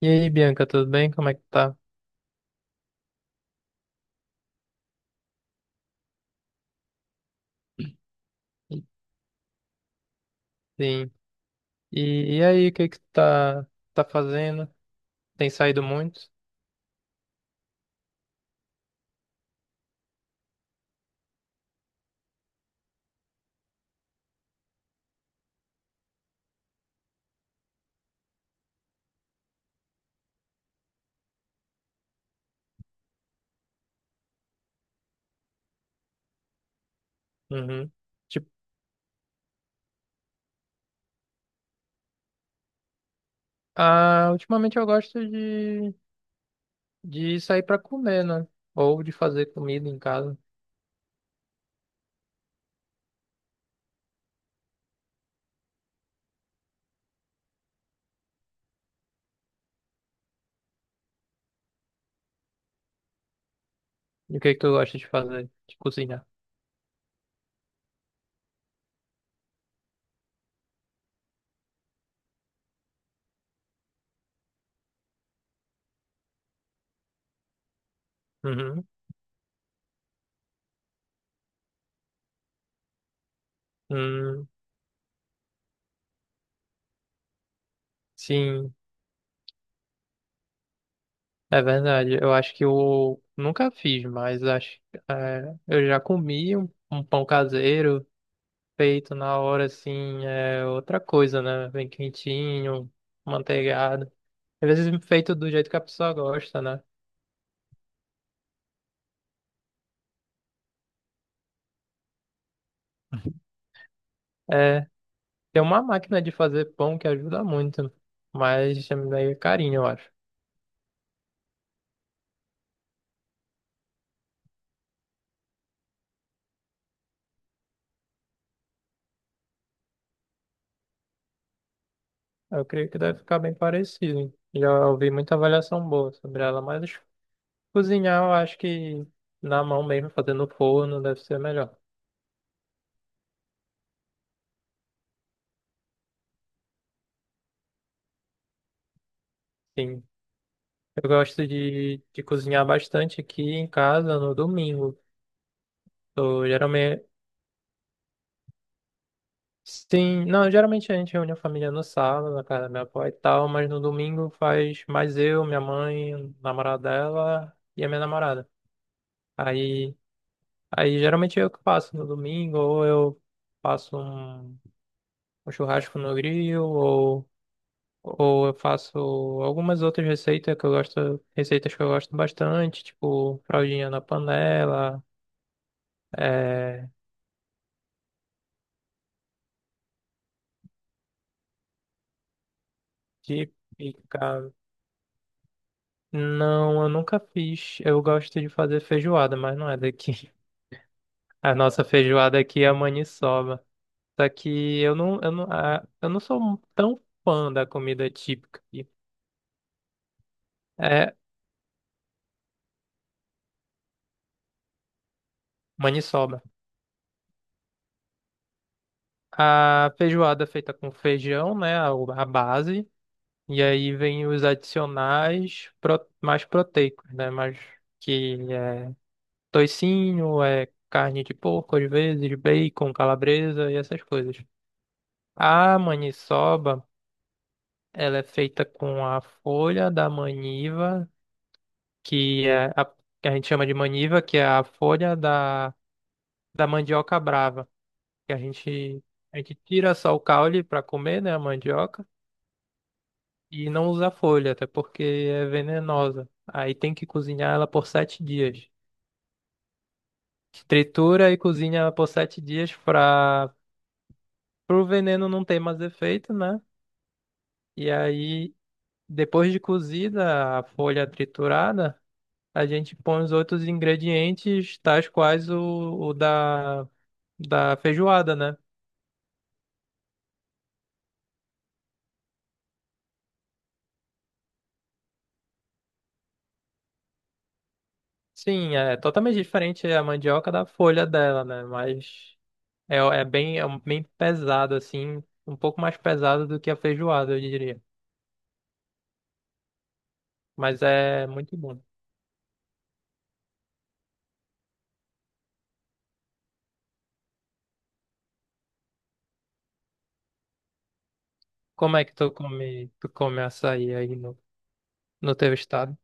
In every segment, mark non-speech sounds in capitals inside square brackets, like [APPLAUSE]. E aí, Bianca, tudo bem? Como é que tá? Sim. E aí, o que que tu tá fazendo? Tem saído muito? Uhum. Tipo, ah, ultimamente eu gosto de sair pra comer, né? Ou de fazer comida em casa. E o que que tu gosta de fazer? De cozinhar? Uhum. Hum, sim, é verdade. Eu acho que eu nunca fiz, mas acho, é, eu já comi um pão caseiro feito na hora, assim, é outra coisa, né? Vem quentinho, manteigado. Às vezes feito do jeito que a pessoa gosta, né? É, tem uma máquina de fazer pão que ajuda muito, mas é meio carinho, eu acho. Eu creio que deve ficar bem parecido. Já ouvi muita avaliação boa sobre ela, mas cozinhar eu acho que na mão mesmo, fazendo no forno, deve ser melhor. Sim. Eu gosto de cozinhar bastante aqui em casa no domingo. Eu geralme- Sim, não, geralmente a gente reúne a família no sábado, na casa da minha avó e tal, mas no domingo faz mais eu, minha mãe, o namorado dela e a minha namorada. Aí, aí geralmente é eu que passo no domingo, ou eu faço um churrasco no grill, ou eu faço algumas outras receitas que eu gosto, receitas que eu gosto bastante, tipo fraldinha na panela, é, típica. Não, eu nunca fiz. Eu gosto de fazer feijoada, mas não é daqui. A nossa feijoada aqui é a maniçoba. Só que eu não sou tão fã da comida típica aqui. É maniçoba. A feijoada é feita com feijão, né? A base. E aí vem os adicionais mais proteicos, né? Mais que é toicinho, é carne de porco, às vezes, bacon, calabresa e essas coisas. A maniçoba, ela é feita com a folha da maniva que é que a gente chama de maniva, que é a folha da mandioca brava, que a gente tira só o caule para comer, né, a mandioca, e não usa a folha, até porque é venenosa. Aí tem que cozinhar ela por 7 dias. Tritura e cozinha ela por 7 dias para o veneno não ter mais efeito, né? E aí, depois de cozida a folha triturada, a gente põe os outros ingredientes, tais quais o da feijoada, né? Sim, é totalmente diferente a mandioca da folha dela, né? Mas é bem, bem pesado, assim, um pouco mais pesado do que a feijoada, eu diria. Mas é muito bom. Como é que tu come açaí aí no teu estado?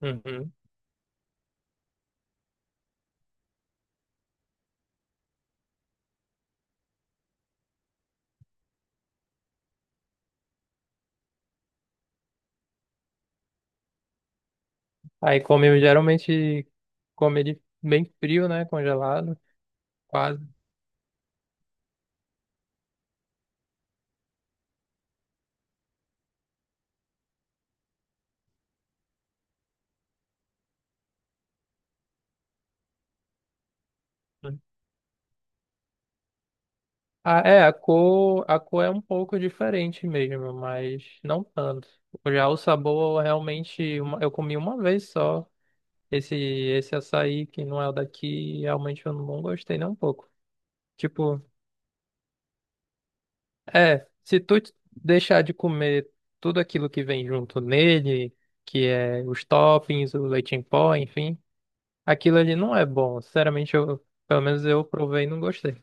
Uhum. Aí come, geralmente come ele bem frio, né? Congelado, quase. Ah, é, a cor é um pouco diferente mesmo, mas não tanto. Já o sabor, realmente, eu comi uma vez só. Esse açaí que não é o daqui, realmente eu não gostei nem um pouco. Tipo, é, se tu deixar de comer tudo aquilo que vem junto nele, que é os toppings, o leite em pó, enfim, aquilo ali não é bom. Sinceramente, eu, pelo menos eu provei e não gostei.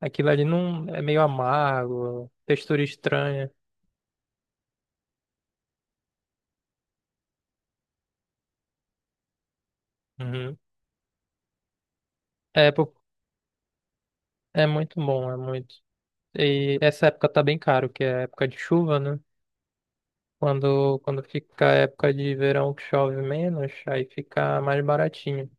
Aquilo ali não é meio amargo, textura estranha. Uhum. É, po- é muito bom, é muito. E essa época tá bem caro, que é a época de chuva, né? Quando fica a época de verão que chove menos, aí fica mais baratinho.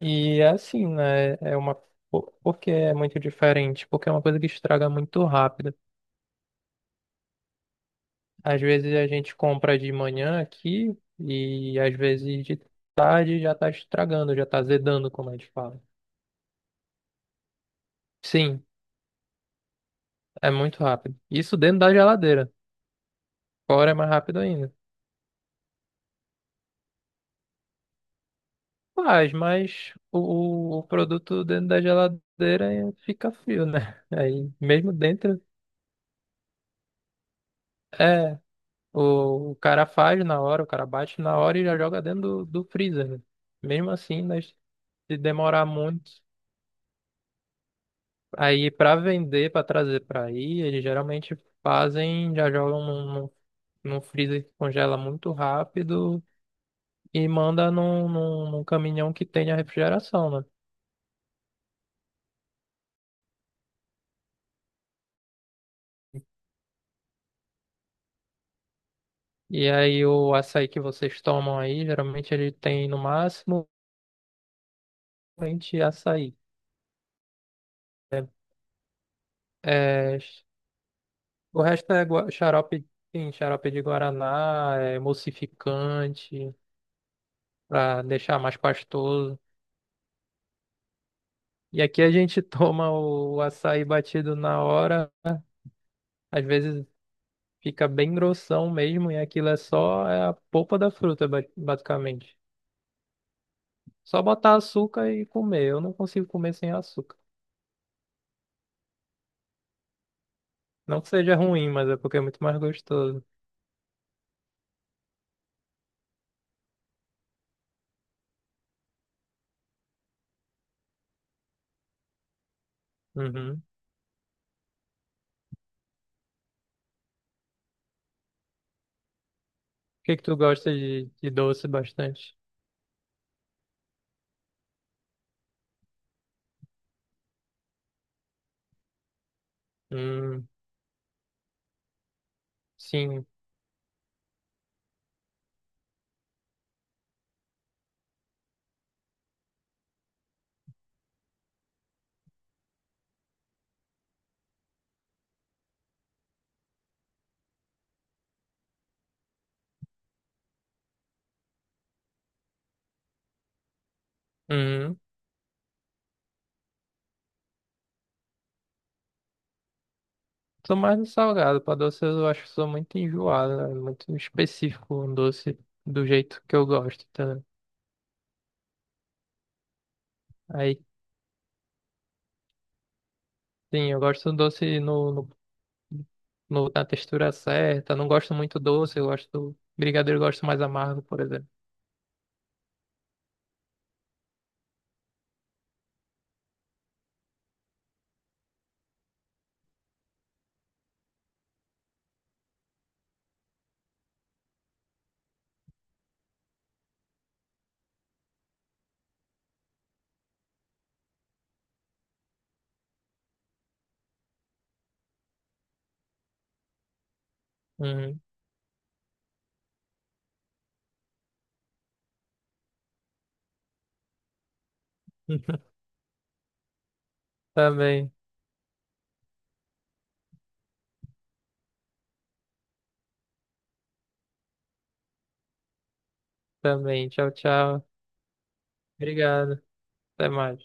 E é assim, né? Porque é muito diferente, porque é uma coisa que estraga muito rápido. Às vezes a gente compra de manhã aqui e às vezes de tarde já tá estragando, já tá zedando, como a gente fala. Sim, é muito rápido. Isso dentro da geladeira. Fora é mais rápido ainda. Faz, mas o produto dentro da geladeira fica frio, né? [LAUGHS] Aí, mesmo dentro, é, o cara faz na hora, o cara bate na hora e já joga dentro do freezer, né? Mesmo assim, nós, se demorar muito, aí para vender, para trazer para aí, eles geralmente fazem, já jogam num freezer que congela muito rápido e manda num caminhão que tenha refrigeração, né? E aí o açaí que vocês tomam aí, geralmente ele tem no máximo 20 açaí. É, o resto é xarope, sim, xarope de guaraná, é emulsificante, para deixar mais pastoso. E aqui a gente [LAUGHS] toma o açaí batido na hora, às vezes fica bem grossão mesmo, e aquilo é só é a polpa da fruta, basicamente. Só botar açúcar e comer. Eu não consigo comer sem açúcar. Não que seja ruim, mas é porque é muito mais gostoso. Uhum. Que é que tu gosta de doce bastante? Hum, sim. Hum. Sou mais no salgado. Pra doce eu acho que sou muito enjoado, né? Muito específico um doce do jeito que eu gosto, tá? Aí, sim, eu gosto do doce na textura certa. Não gosto muito doce. Brigadeiro eu gosto mais amargo, por exemplo. Uhum. [LAUGHS] Também, também. Tchau, tchau. Obrigado. Até mais.